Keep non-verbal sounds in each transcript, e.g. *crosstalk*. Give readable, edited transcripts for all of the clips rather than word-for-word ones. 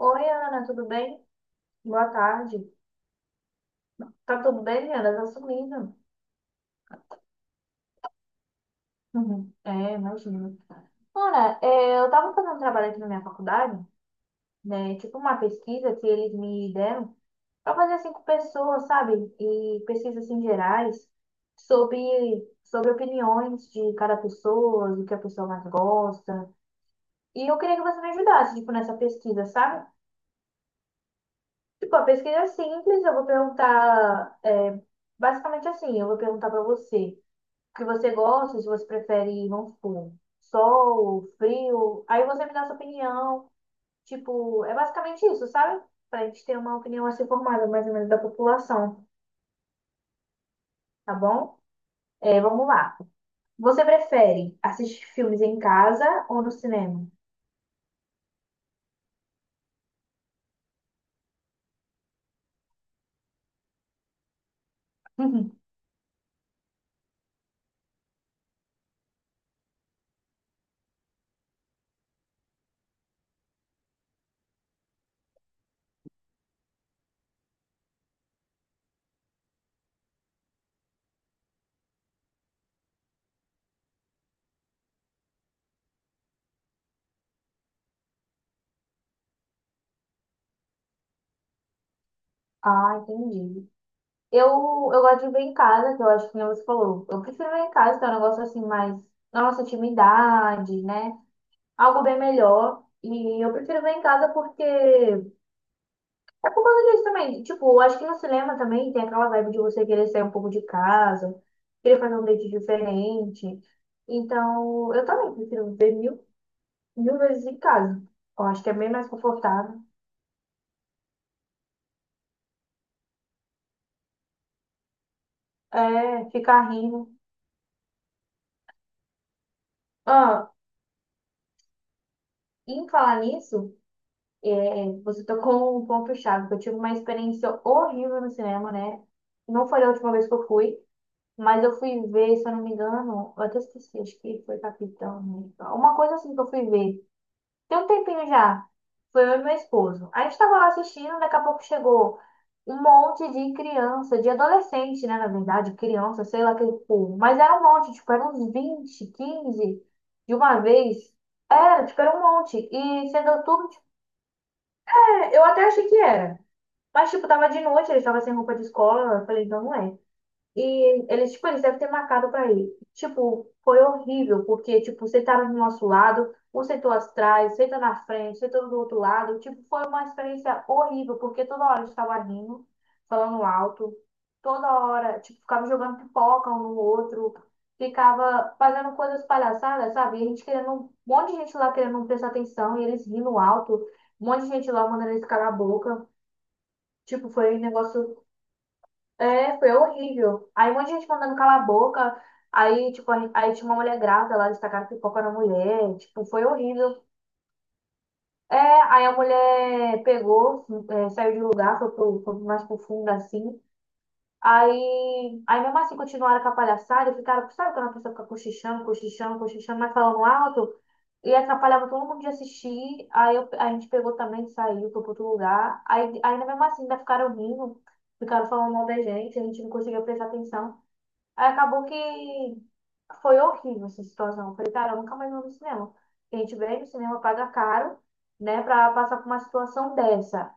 Oi, Ana, tudo bem? Boa tarde. Tá tudo bem, Ana? Tá sumida. Uhum. Imagino. Ana, eu tava fazendo um trabalho aqui na minha faculdade, né? Tipo uma pesquisa que eles me deram pra fazer assim com pessoas, sabe? E pesquisas assim gerais sobre, sobre opiniões de cada pessoa, do que a pessoa mais gosta. E eu queria que você me ajudasse, tipo, nessa pesquisa, sabe? Tipo, a pesquisa é simples, eu vou perguntar, basicamente assim, eu vou perguntar pra você o que você gosta, se você prefere, vamos supor, sol, frio. Aí você me dá sua opinião. Tipo, é basicamente isso, sabe? Pra gente ter uma opinião assim formada, mais ou menos, da população, tá bom? Vamos lá. Você prefere assistir filmes em casa ou no cinema? *laughs* Ah, entendi. Eu, eu gosto de ver em casa, que eu acho que nem você falou. Eu prefiro ver em casa, que é um negócio assim mais na nossa intimidade, né? Algo bem melhor. E eu prefiro ver em casa porque... Mas isso também, tipo, eu acho que no cinema também tem aquela vibe de você querer sair um pouco de casa, querer fazer um date diferente. Então, eu também prefiro ver mil vezes em casa. Eu acho que é bem mais confortável. É, ficar rindo. Ah, em falar nisso, você tocou um ponto-chave, que eu tive uma experiência horrível no cinema, né? Não foi a última vez que eu fui, mas eu fui ver, se eu não me engano, eu até esqueci, acho que foi Capitão, né? Uma coisa assim que eu fui ver. Tem um tempinho já. Foi eu e meu esposo. A gente estava lá assistindo, daqui a pouco chegou um monte de criança, de adolescente, né? Na verdade, criança, sei lá aquele povo. Mas era um monte, tipo, eram uns 20, 15 de uma vez. Era, tipo, era um monte. E sendo tudo, tipo, é, eu até achei que era. Mas, tipo, tava de noite, ele estava sem roupa de escola. Eu falei, então não é. E eles, tipo, eles devem ter marcado pra ele. Tipo, foi horrível, porque, tipo, sentaram do nosso lado, um sentou atrás, sentou na frente, sentou do outro lado. Tipo, foi uma experiência horrível, porque toda hora a gente tava rindo, falando alto, toda hora, tipo, ficava jogando pipoca um no outro, ficava fazendo coisas palhaçadas, sabe? E a gente querendo, um monte de gente lá querendo não prestar atenção, e eles rindo alto, um monte de gente lá mandando eles calar a boca. Tipo, foi um negócio foi horrível. Aí um monte de gente mandando calar a boca. Aí, tipo, aí tinha uma mulher grávida lá, destacaram que pipoca era mulher. Tipo, foi horrível. Aí a mulher saiu de lugar, foi mais pro fundo, assim. Aí mesmo assim continuaram com a palhaçada e ficaram, sabe quando a pessoa fica cochichando, cochichando, cochichando, mas falando alto? E atrapalhava todo mundo de assistir. A gente pegou também, saiu, foi pro outro lugar. Aí, ainda mesmo assim ainda ficaram rindo, ficaram falando mal da gente, a gente não conseguia prestar atenção. Aí acabou que foi horrível essa situação. Eu falei, cara, eu nunca mais vou no cinema. A gente vem no cinema, paga caro, né, pra passar por uma situação dessa.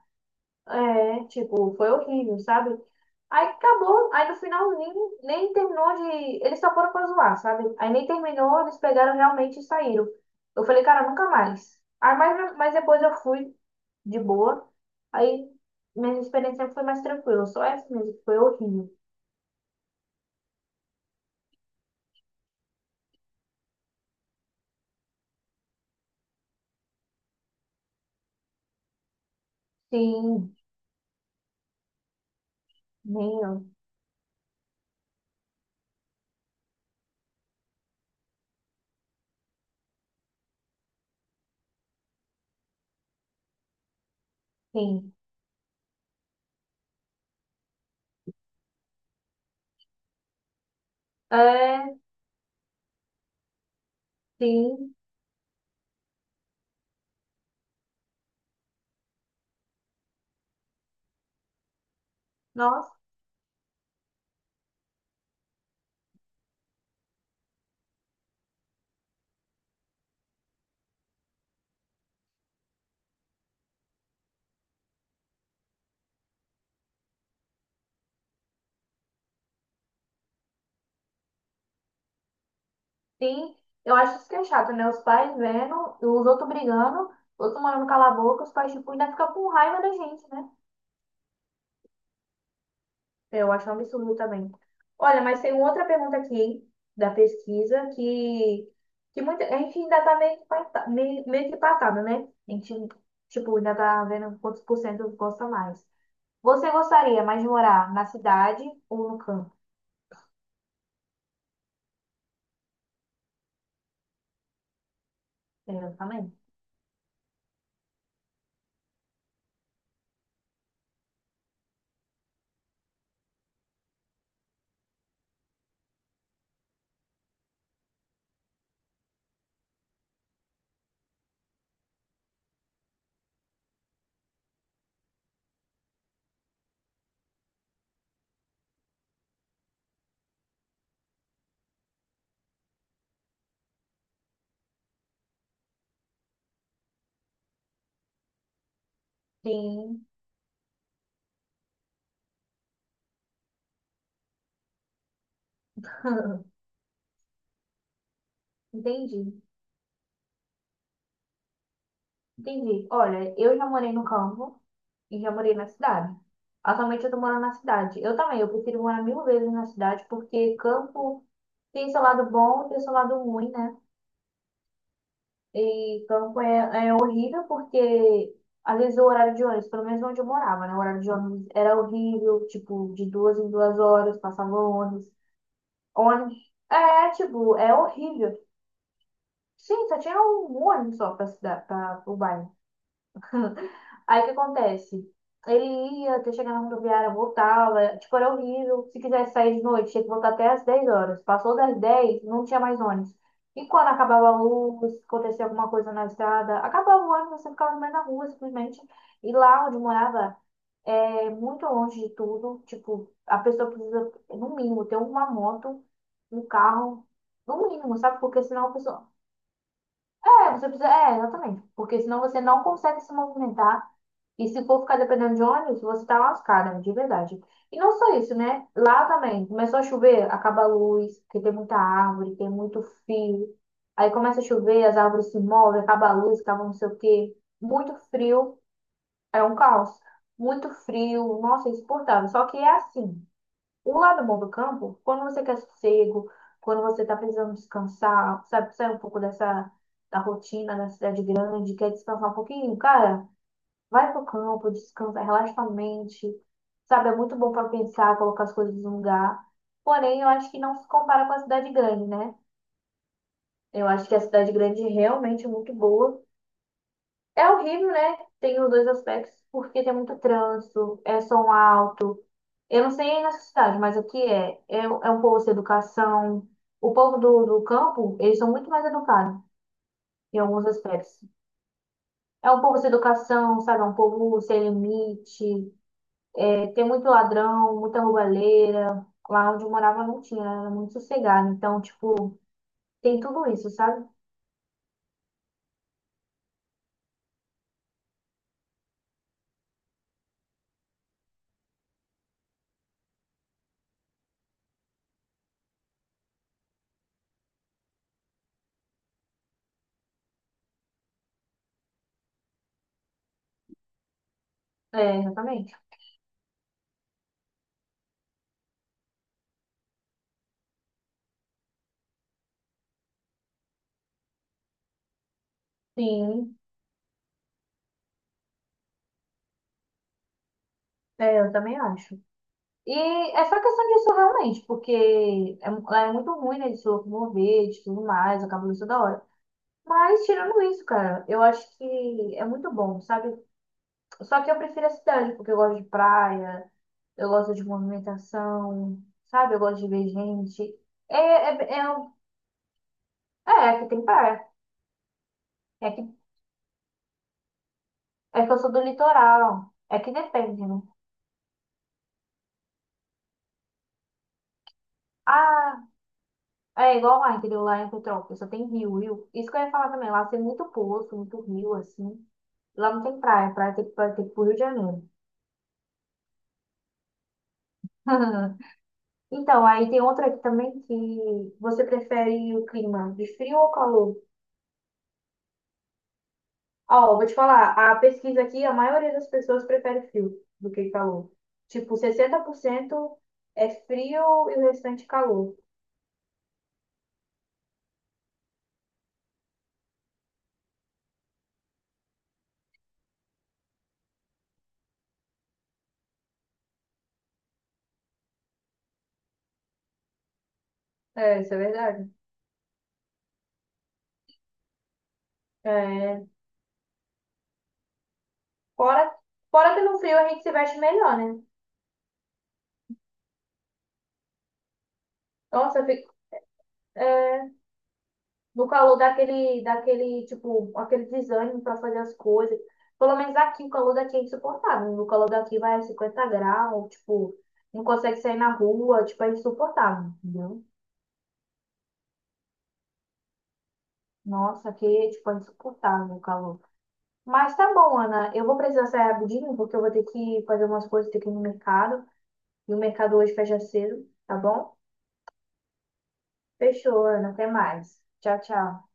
É, tipo, foi horrível, sabe? Aí acabou, aí no finalzinho nem terminou de. Eles só foram pra zoar, sabe? Aí nem terminou, eles pegaram realmente e saíram. Eu falei, cara, nunca mais. Aí, mas depois eu fui de boa. Aí minha experiência foi mais tranquila. Só essa mesmo, que foi horrível. Sim, nem eu. Sim. É, sim. Nossa, sim. Eu acho isso que é chato, né? Os pais vendo, os outros brigando, os outros mandando calar a boca, os pais, tipo, ainda ficam com raiva da gente, né? Eu acho um absurdo também. Olha, mas tem outra pergunta aqui, hein, da pesquisa, que muita, a gente ainda tá meio que, meio, meio que empatado, né? A gente, tipo, ainda tá vendo quantos por cento gosta mais. Você gostaria mais de morar na cidade ou no campo? É, eu também. Sim. *laughs* Entendi. Entendi. Olha, eu já morei no campo e já morei na cidade. Atualmente eu tô morando na cidade. Eu também, eu prefiro morar mil vezes na cidade, porque campo tem seu lado bom e tem seu lado ruim, né? E campo é horrível porque, às vezes, o horário de ônibus, pelo menos onde eu morava, né? O horário de ônibus era horrível, tipo, de duas em duas horas passava ônibus. Ônibus. É, tipo, é horrível. Sim, só tinha um ônibus só pra cidade, pra o bairro. Aí o que acontece? Ele ia até chegar na rodoviária, voltava, tipo, era horrível. Se quisesse sair de noite, tinha que voltar até às 10 horas. Passou das 10, não tinha mais ônibus. E quando acabava a luz, acontecia alguma coisa na estrada, acabava o ônibus, você ficava no meio da rua, simplesmente. E lá onde eu morava, é muito longe de tudo. Tipo, a pessoa precisa, no mínimo, ter uma moto, um carro, no mínimo, sabe? Porque senão a pessoa... É, você precisa. É, exatamente. Porque senão você não consegue se movimentar. E se for ficar dependendo de ônibus, você tá lascada, de verdade. E não só isso, né? Lá também, começou a chover, acaba a luz, porque tem muita árvore, tem muito fio. Aí começa a chover, as árvores se movem, acaba a luz, acaba não sei o quê. Muito frio, é um caos. Muito frio, nossa, é insuportável. Só que é assim, o lado bom do campo, quando você quer sossego, quando você tá precisando descansar, sabe, sair um pouco dessa, da rotina da cidade grande, quer descansar um pouquinho, cara... Vai pro campo, descansa, relaxa a mente. Sabe, é muito bom para pensar, colocar as coisas no lugar. Porém, eu acho que não se compara com a cidade grande, né? Eu acho que a cidade grande realmente é muito boa. É horrível, né? Tem os dois aspectos, porque tem muito trânsito, é som alto. Eu não sei aí nessa cidade, mas aqui é. É um povo sem educação. O povo do campo, eles são muito mais educados em alguns aspectos. É um povo sem educação, sabe? É um povo sem limite. Tem muito ladrão, muita roubalheira. Lá onde eu morava não tinha, era muito sossegado. Então, tipo, tem tudo isso, sabe? É, exatamente. Sim, é, eu também acho. E é só questão disso realmente, porque é, lá é muito ruim, né, de se locomover, de tudo mais, acaba isso da hora. Mas tirando isso, cara, eu acho que é muito bom, sabe? Só que eu prefiro a cidade, porque eu gosto de praia, eu gosto de movimentação, sabe? Eu gosto de ver gente. É, é, é, é que tem praia. É que É que eu sou do litoral. É que depende, né? Ah, é igual lá, entendeu? Lá em Petrópolis só tem rio. Isso que eu ia falar também. Lá tem muito poço, muito rio, assim. Lá não tem praia. Praia tem praia tem que ir pro Rio de Janeiro. *laughs* Então, aí tem outra aqui também que você prefere o clima de frio ou calor? Ó, vou te falar. A pesquisa aqui, a maioria das pessoas prefere frio do que calor. Tipo, 60% é frio e o restante calor. É, isso é verdade. É, Fora, fora que no frio a gente se veste melhor, né? Nossa, eu fico é, no calor daquele, tipo, aquele desânimo pra fazer as coisas. Pelo menos aqui, o calor daqui é insuportável. No calor daqui vai a 50 graus, tipo, não consegue sair na rua, tipo, é insuportável, entendeu? Nossa, aqui, tipo, é insuportável o calor. Mas tá bom, Ana, eu vou precisar sair rapidinho, porque eu vou ter que fazer umas coisas aqui no mercado. E o mercado hoje fecha cedo, tá bom? Fechou, Ana, até mais. Tchau, tchau.